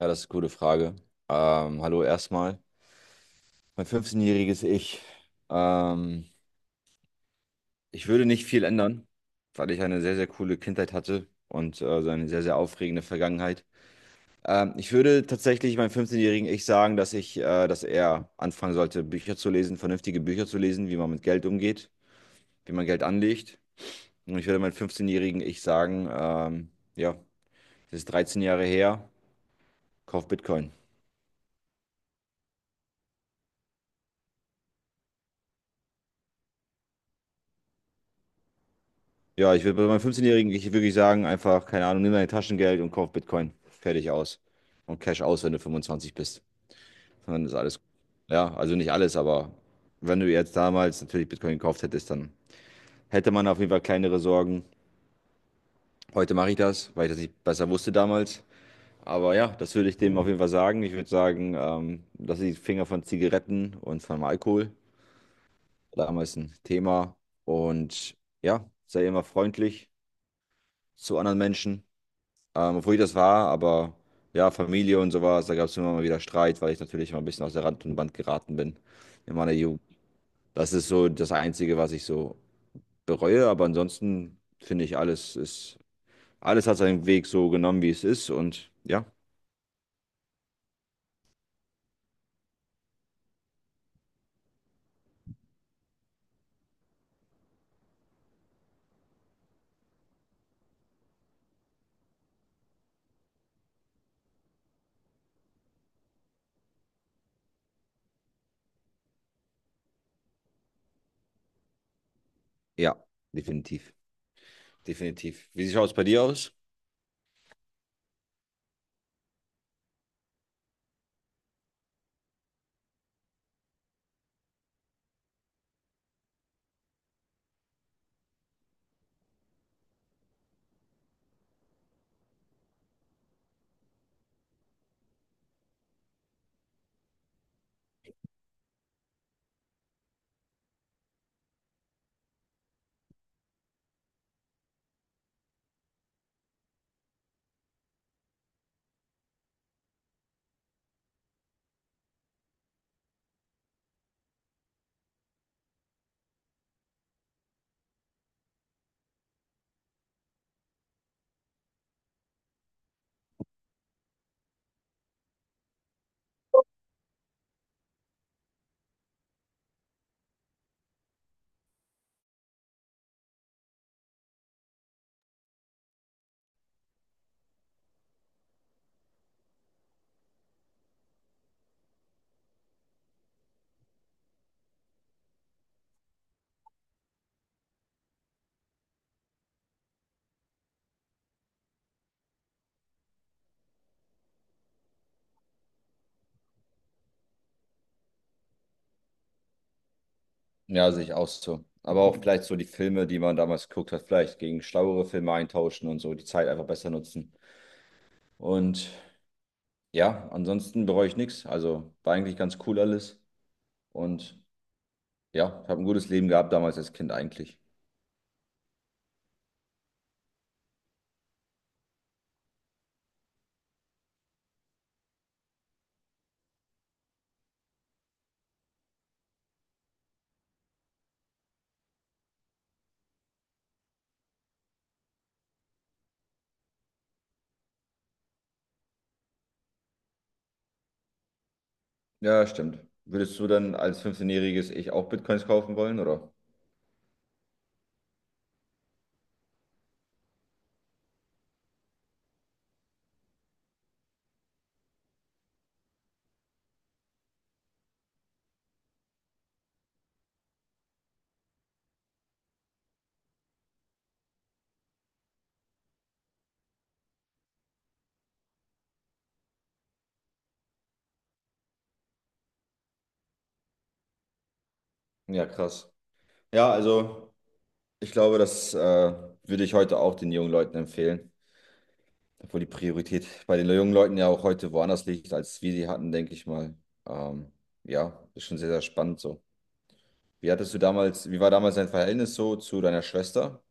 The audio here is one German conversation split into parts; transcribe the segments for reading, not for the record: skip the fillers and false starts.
Ja, das ist eine gute Frage. Hallo erstmal. Mein 15-jähriges Ich. Ähm, Ich würde nicht viel ändern, weil ich eine sehr, sehr coole Kindheit hatte und so eine sehr, sehr aufregende Vergangenheit. Ich würde tatsächlich meinem 15-jährigen Ich sagen, dass er anfangen sollte, Bücher zu lesen, vernünftige Bücher zu lesen, wie man mit Geld umgeht, wie man Geld anlegt. Und ich würde meinem 15-jährigen Ich sagen, ja, das ist 13 Jahre her, kauf Bitcoin. Ja, ich würde bei meinem 15-Jährigen ich wirklich sagen, einfach, keine Ahnung, nimm dein Taschengeld und kauf Bitcoin. Fertig aus. Und Cash aus, wenn du 25 bist. Und dann ist alles. Ja, also nicht alles, aber wenn du jetzt damals natürlich Bitcoin gekauft hättest, dann hätte man auf jeden Fall kleinere Sorgen. Heute mache ich das, weil ich das nicht besser wusste damals. Aber ja, das würde ich dem auf jeden Fall sagen. Ich würde sagen, lass die Finger von Zigaretten und von Alkohol. Damals ein Thema. Und ja, sei immer freundlich zu anderen Menschen. Obwohl ich das war, aber ja, Familie und sowas, da gab es immer mal wieder Streit, weil ich natürlich mal ein bisschen aus der Rand und Band geraten bin in meiner Jugend. Das ist so das Einzige, was ich so bereue, aber ansonsten finde ich, alles hat seinen Weg so genommen, wie es ist und ja, ja, definitiv, definitiv. Wie schaut es bei dir aus? Ja, sehe ich auch so. Aber auch vielleicht so die Filme, die man damals geguckt hat, vielleicht gegen schlauere Filme eintauschen und so die Zeit einfach besser nutzen. Und ja, ansonsten bereue ich nichts. Also war eigentlich ganz cool alles. Und ja, ich habe ein gutes Leben gehabt damals als Kind eigentlich. Ja, stimmt. Würdest du dann als 15-jähriges Ich auch Bitcoins kaufen wollen, oder? Ja, krass. Ja, also ich glaube, das würde ich heute auch den jungen Leuten empfehlen. Obwohl die Priorität bei den jungen Leuten ja auch heute woanders liegt, als wir sie hatten, denke ich mal. Ähm, ja, ist schon sehr, sehr spannend so. Wie war damals dein Verhältnis so zu deiner Schwester?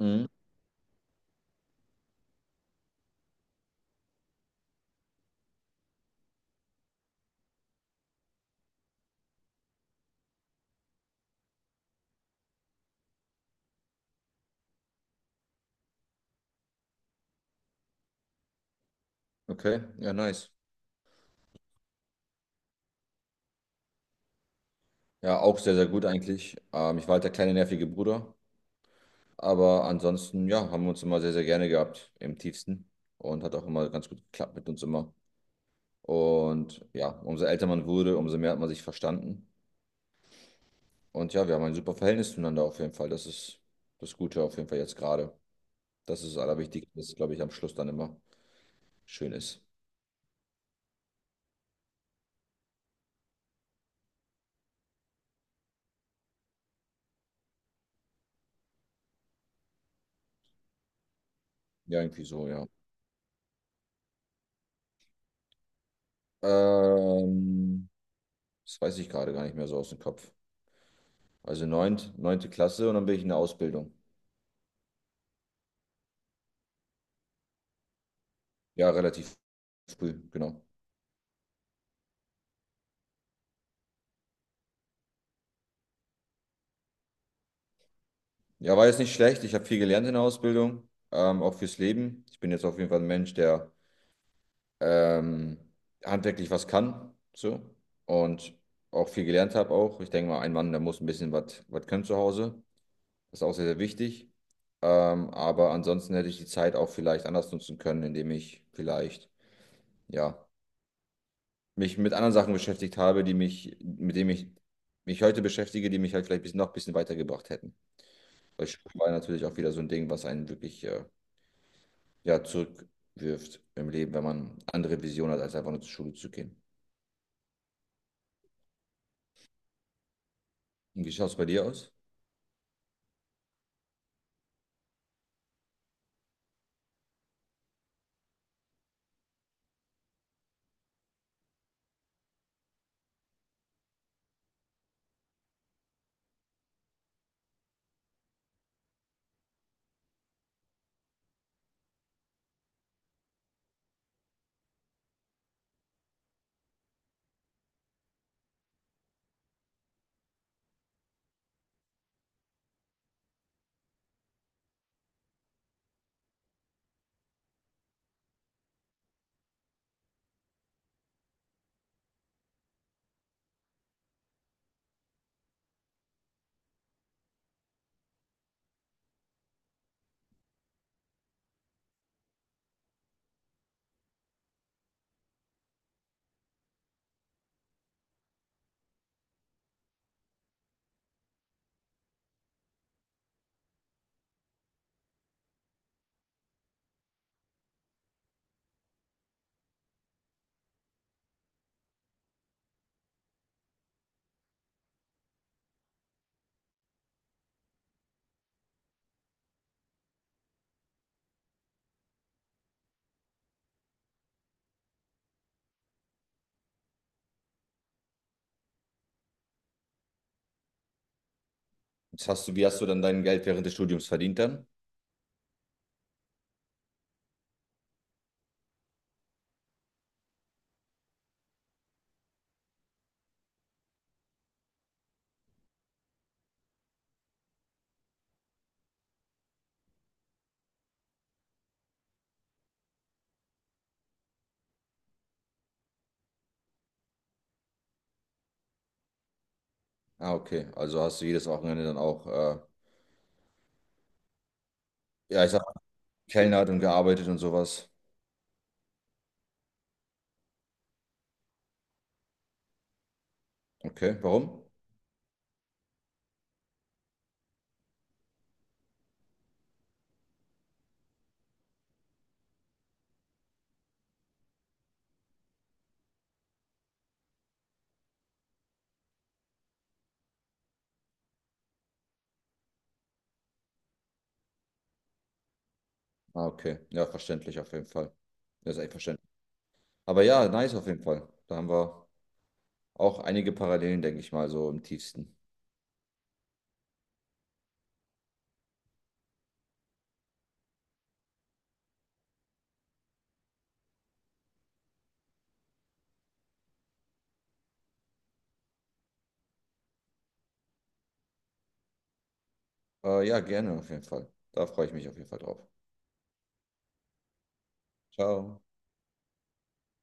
Mhm. Okay, ja, nice. Ja, auch sehr, sehr gut eigentlich. Ich war halt der kleine nervige Bruder. Aber ansonsten, ja, haben wir uns immer sehr, sehr gerne gehabt im tiefsten. Und hat auch immer ganz gut geklappt mit uns immer. Und ja, umso älter man wurde, umso mehr hat man sich verstanden. Und ja, wir haben ein super Verhältnis zueinander auf jeden Fall. Das ist das Gute auf jeden Fall jetzt gerade. Das ist das Allerwichtigste, was, glaube ich, am Schluss dann immer schön ist. Ja, irgendwie so, ja. Ähm, Das weiß ich gerade gar nicht mehr so aus dem Kopf. Also neunte Klasse und dann bin ich in der Ausbildung. Ja, relativ früh, genau. Ja, war jetzt nicht schlecht. Ich habe viel gelernt in der Ausbildung, auch fürs Leben. Ich bin jetzt auf jeden Fall ein Mensch, der ähm, handwerklich was kann, so. Und auch viel gelernt habe auch. Ich denke mal, ein Mann, der muss ein bisschen was können zu Hause. Das ist auch sehr, sehr wichtig. Aber ansonsten hätte ich die Zeit auch vielleicht anders nutzen können, indem ich vielleicht, ja, mich mit anderen Sachen beschäftigt habe, mit denen ich mich heute beschäftige, die mich halt vielleicht noch ein bisschen weitergebracht hätten. Weil Schule war natürlich auch wieder so ein Ding, was einen wirklich ja, zurückwirft im Leben, wenn man andere Visionen hat, als einfach nur zur Schule zu gehen. Und wie schaut es bei dir aus? Wie hast du dann dein Geld während des Studiums verdient dann? Ah, okay. Also hast du jedes Wochenende dann auch, ja, ich sag, mal, gekellnert und gearbeitet und sowas. Okay, warum? Ah, okay. Ja, verständlich auf jeden Fall. Das ist echt verständlich. Aber ja, nice auf jeden Fall. Da haben wir auch einige Parallelen, denke ich mal, so im tiefsten. Ja, gerne auf jeden Fall. Da freue ich mich auf jeden Fall drauf. Ciao.